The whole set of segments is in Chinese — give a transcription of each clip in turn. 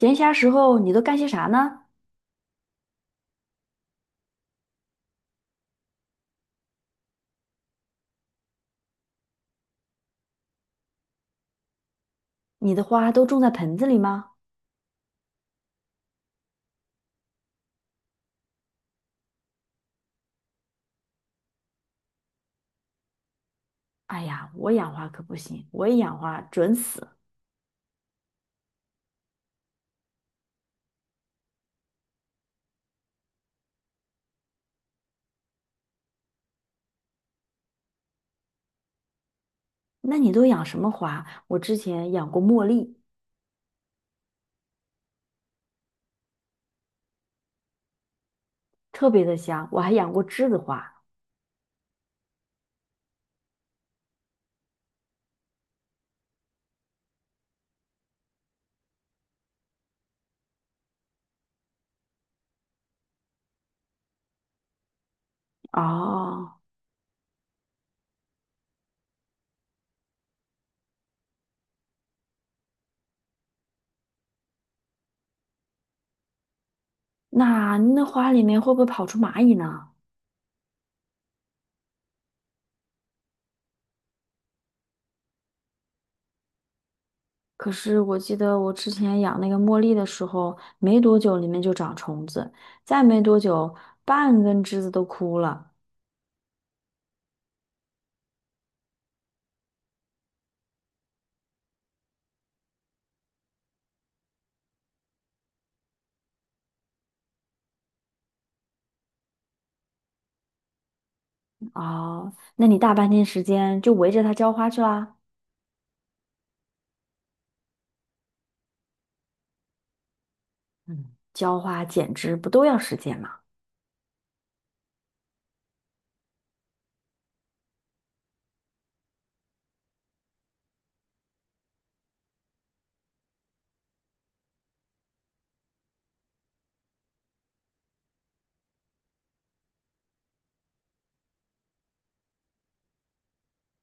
闲暇时候你都干些啥呢？你的花都种在盆子里吗？哎呀，我养花可不行，我一养花准死。那你都养什么花？我之前养过茉莉，特别的香，我还养过栀子花。哦，那花里面会不会跑出蚂蚁呢？可是我记得我之前养那个茉莉的时候，没多久里面就长虫子，再没多久半根栀子都枯了。哦，那你大半天时间就围着它浇花去啦？嗯，浇花剪枝不都要时间吗？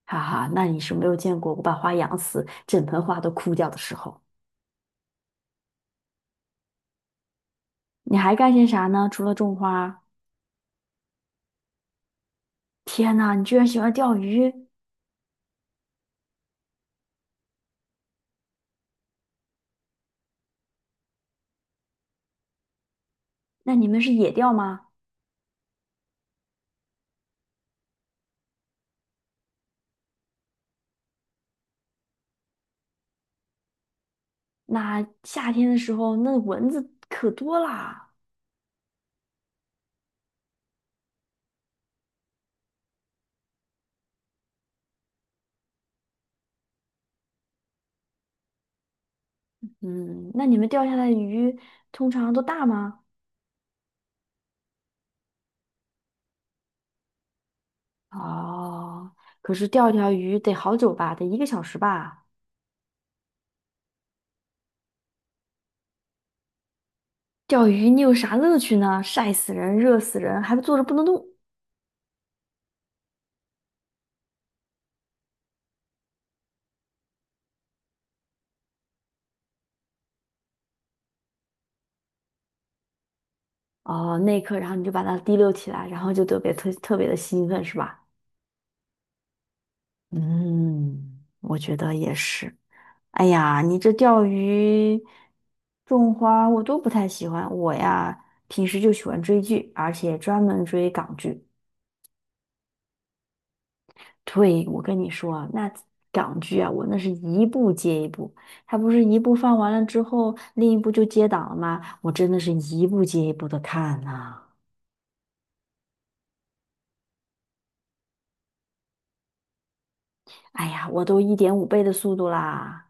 哈哈，那你是没有见过我把花养死，整盆花都枯掉的时候。你还干些啥呢？除了种花，天呐，你居然喜欢钓鱼？那你们是野钓吗？那夏天的时候，那蚊子可多啦。嗯，那你们钓下来的鱼通常都大吗？哦，可是钓一条鱼得好久吧，得一个小时吧。钓鱼你有啥乐趣呢？晒死人，热死人，还不坐着不能动。哦，那一刻，然后你就把它提溜起来，然后就特别别的兴奋，是吧？嗯，我觉得也是。哎呀，你这钓鱼、种花我都不太喜欢。我呀，平时就喜欢追剧，而且专门追港剧。对，我跟你说啊，那港剧啊，我那是一部接一部，它不是一部放完了之后，另一部就接档了吗？我真的是一部接一部的看呐、哎呀，我都1.5倍的速度啦。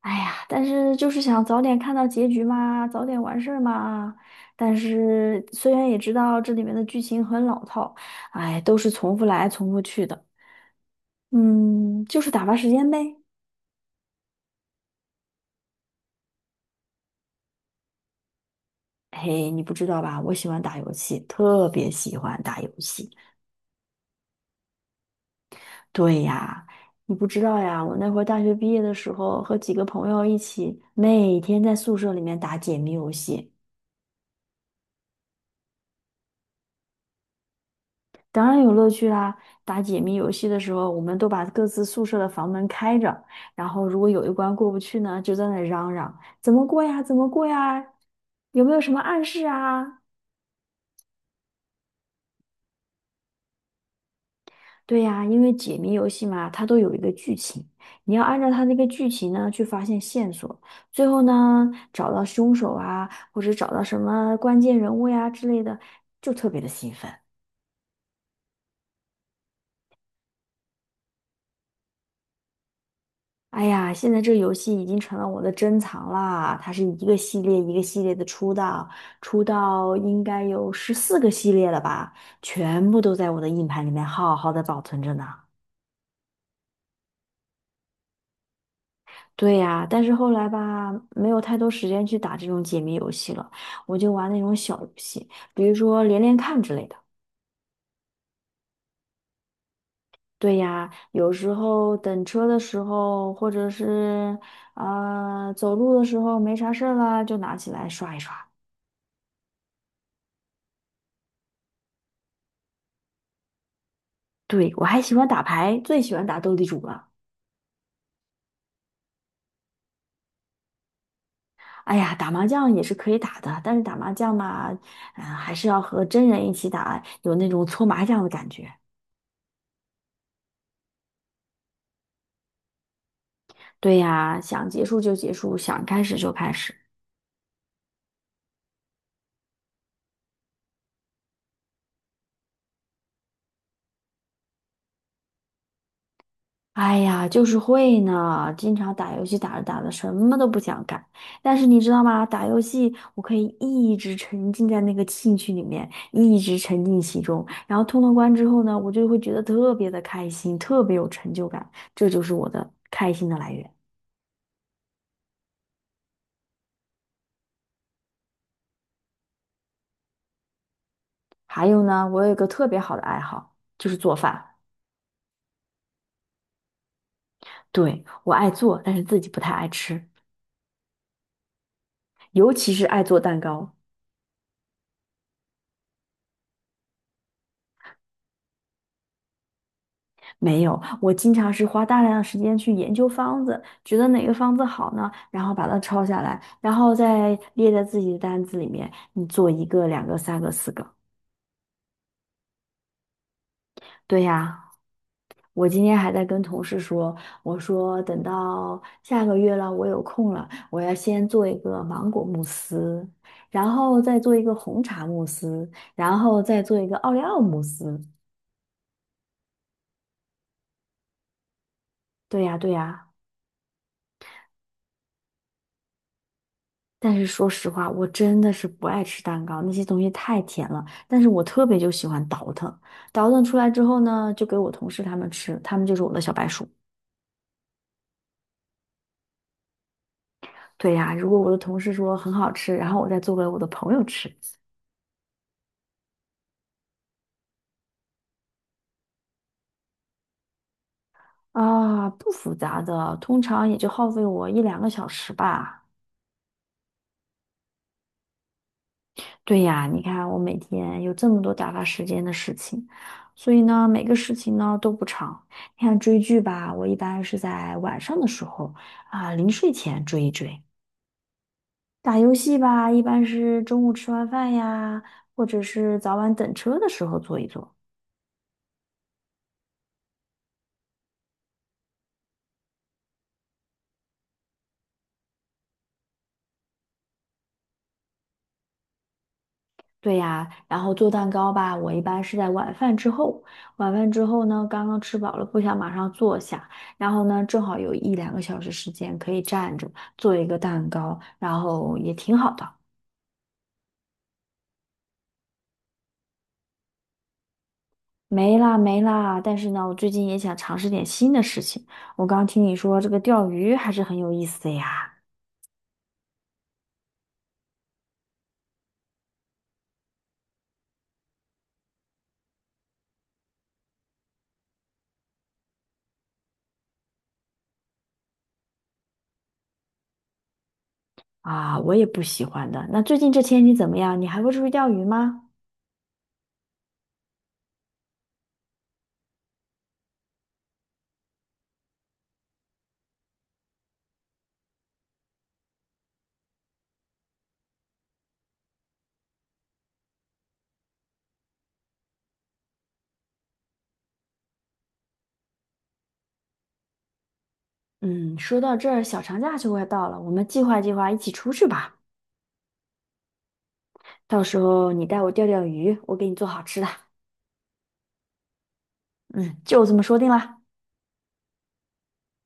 哎呀，但是就是想早点看到结局嘛，早点完事儿嘛。但是虽然也知道这里面的剧情很老套，哎，都是重复来重复去的。嗯，就是打发时间呗。嘿，你不知道吧？我喜欢打游戏，特别喜欢打游戏。对呀，你不知道呀，我那会儿大学毕业的时候，和几个朋友一起，每天在宿舍里面打解谜游戏。当然有乐趣啦！打解谜游戏的时候，我们都把各自宿舍的房门开着，然后如果有一关过不去呢，就在那嚷嚷：“怎么过呀？怎么过呀？有没有什么暗示啊？”对呀，因为解谜游戏嘛，它都有一个剧情，你要按照它那个剧情呢去发现线索，最后呢找到凶手啊，或者找到什么关键人物呀之类的，就特别的兴奋。哎呀，现在这游戏已经成了我的珍藏啦！它是一个系列一个系列的出到，出到应该有14个系列了吧，全部都在我的硬盘里面好好的保存着呢。对呀，但是后来吧，没有太多时间去打这种解谜游戏了，我就玩那种小游戏，比如说连连看之类的。对呀，有时候等车的时候，或者是走路的时候没啥事儿啦，就拿起来刷一刷。对，我还喜欢打牌，最喜欢打斗地主了。哎呀，打麻将也是可以打的，但是打麻将嘛，还是要和真人一起打，有那种搓麻将的感觉。对呀，想结束就结束，想开始就开始。哎呀，就是会呢，经常打游戏打着打着什么都不想干。但是你知道吗？打游戏我可以一直沉浸在那个兴趣里面，一直沉浸其中。然后通了关之后呢，我就会觉得特别的开心，特别有成就感，这就是我的开心的来源。还有呢，我有一个特别好的爱好，就是做饭。对，我爱做，但是自己不太爱吃，尤其是爱做蛋糕。没有，我经常是花大量的时间去研究方子，觉得哪个方子好呢，然后把它抄下来，然后再列在自己的单子里面，你做一个、两个、三个、四个。对呀，我今天还在跟同事说，我说等到下个月了，我有空了，我要先做一个芒果慕斯，然后再做一个红茶慕斯，然后再做一个奥利奥慕斯。对呀，对呀。但是说实话，我真的是不爱吃蛋糕，那些东西太甜了。但是我特别就喜欢倒腾，倒腾出来之后呢，就给我同事他们吃，他们就是我的小白鼠。对呀，如果我的同事说很好吃，然后我再做给我的朋友吃，啊，不复杂的，通常也就耗费我一两个小时吧。对呀，你看我每天有这么多打发时间的事情，所以呢，每个事情呢都不长。你看追剧吧，我一般是在晚上的时候啊，临睡前追一追。打游戏吧，一般是中午吃完饭呀，或者是早晚等车的时候做一做。对呀，然后做蛋糕吧，我一般是在晚饭之后。晚饭之后呢，刚刚吃饱了，不想马上坐下，然后呢，正好有一两个小时时间可以站着做一个蛋糕，然后也挺好的。没啦没啦，但是呢，我最近也想尝试点新的事情。我刚听你说这个钓鱼还是很有意思的呀。啊，我也不喜欢的。那最近这天气怎么样？你还会出去钓鱼吗？嗯，说到这儿，小长假就快到了，我们计划计划一起出去吧。到时候你带我钓钓鱼，我给你做好吃的。嗯，就这么说定了。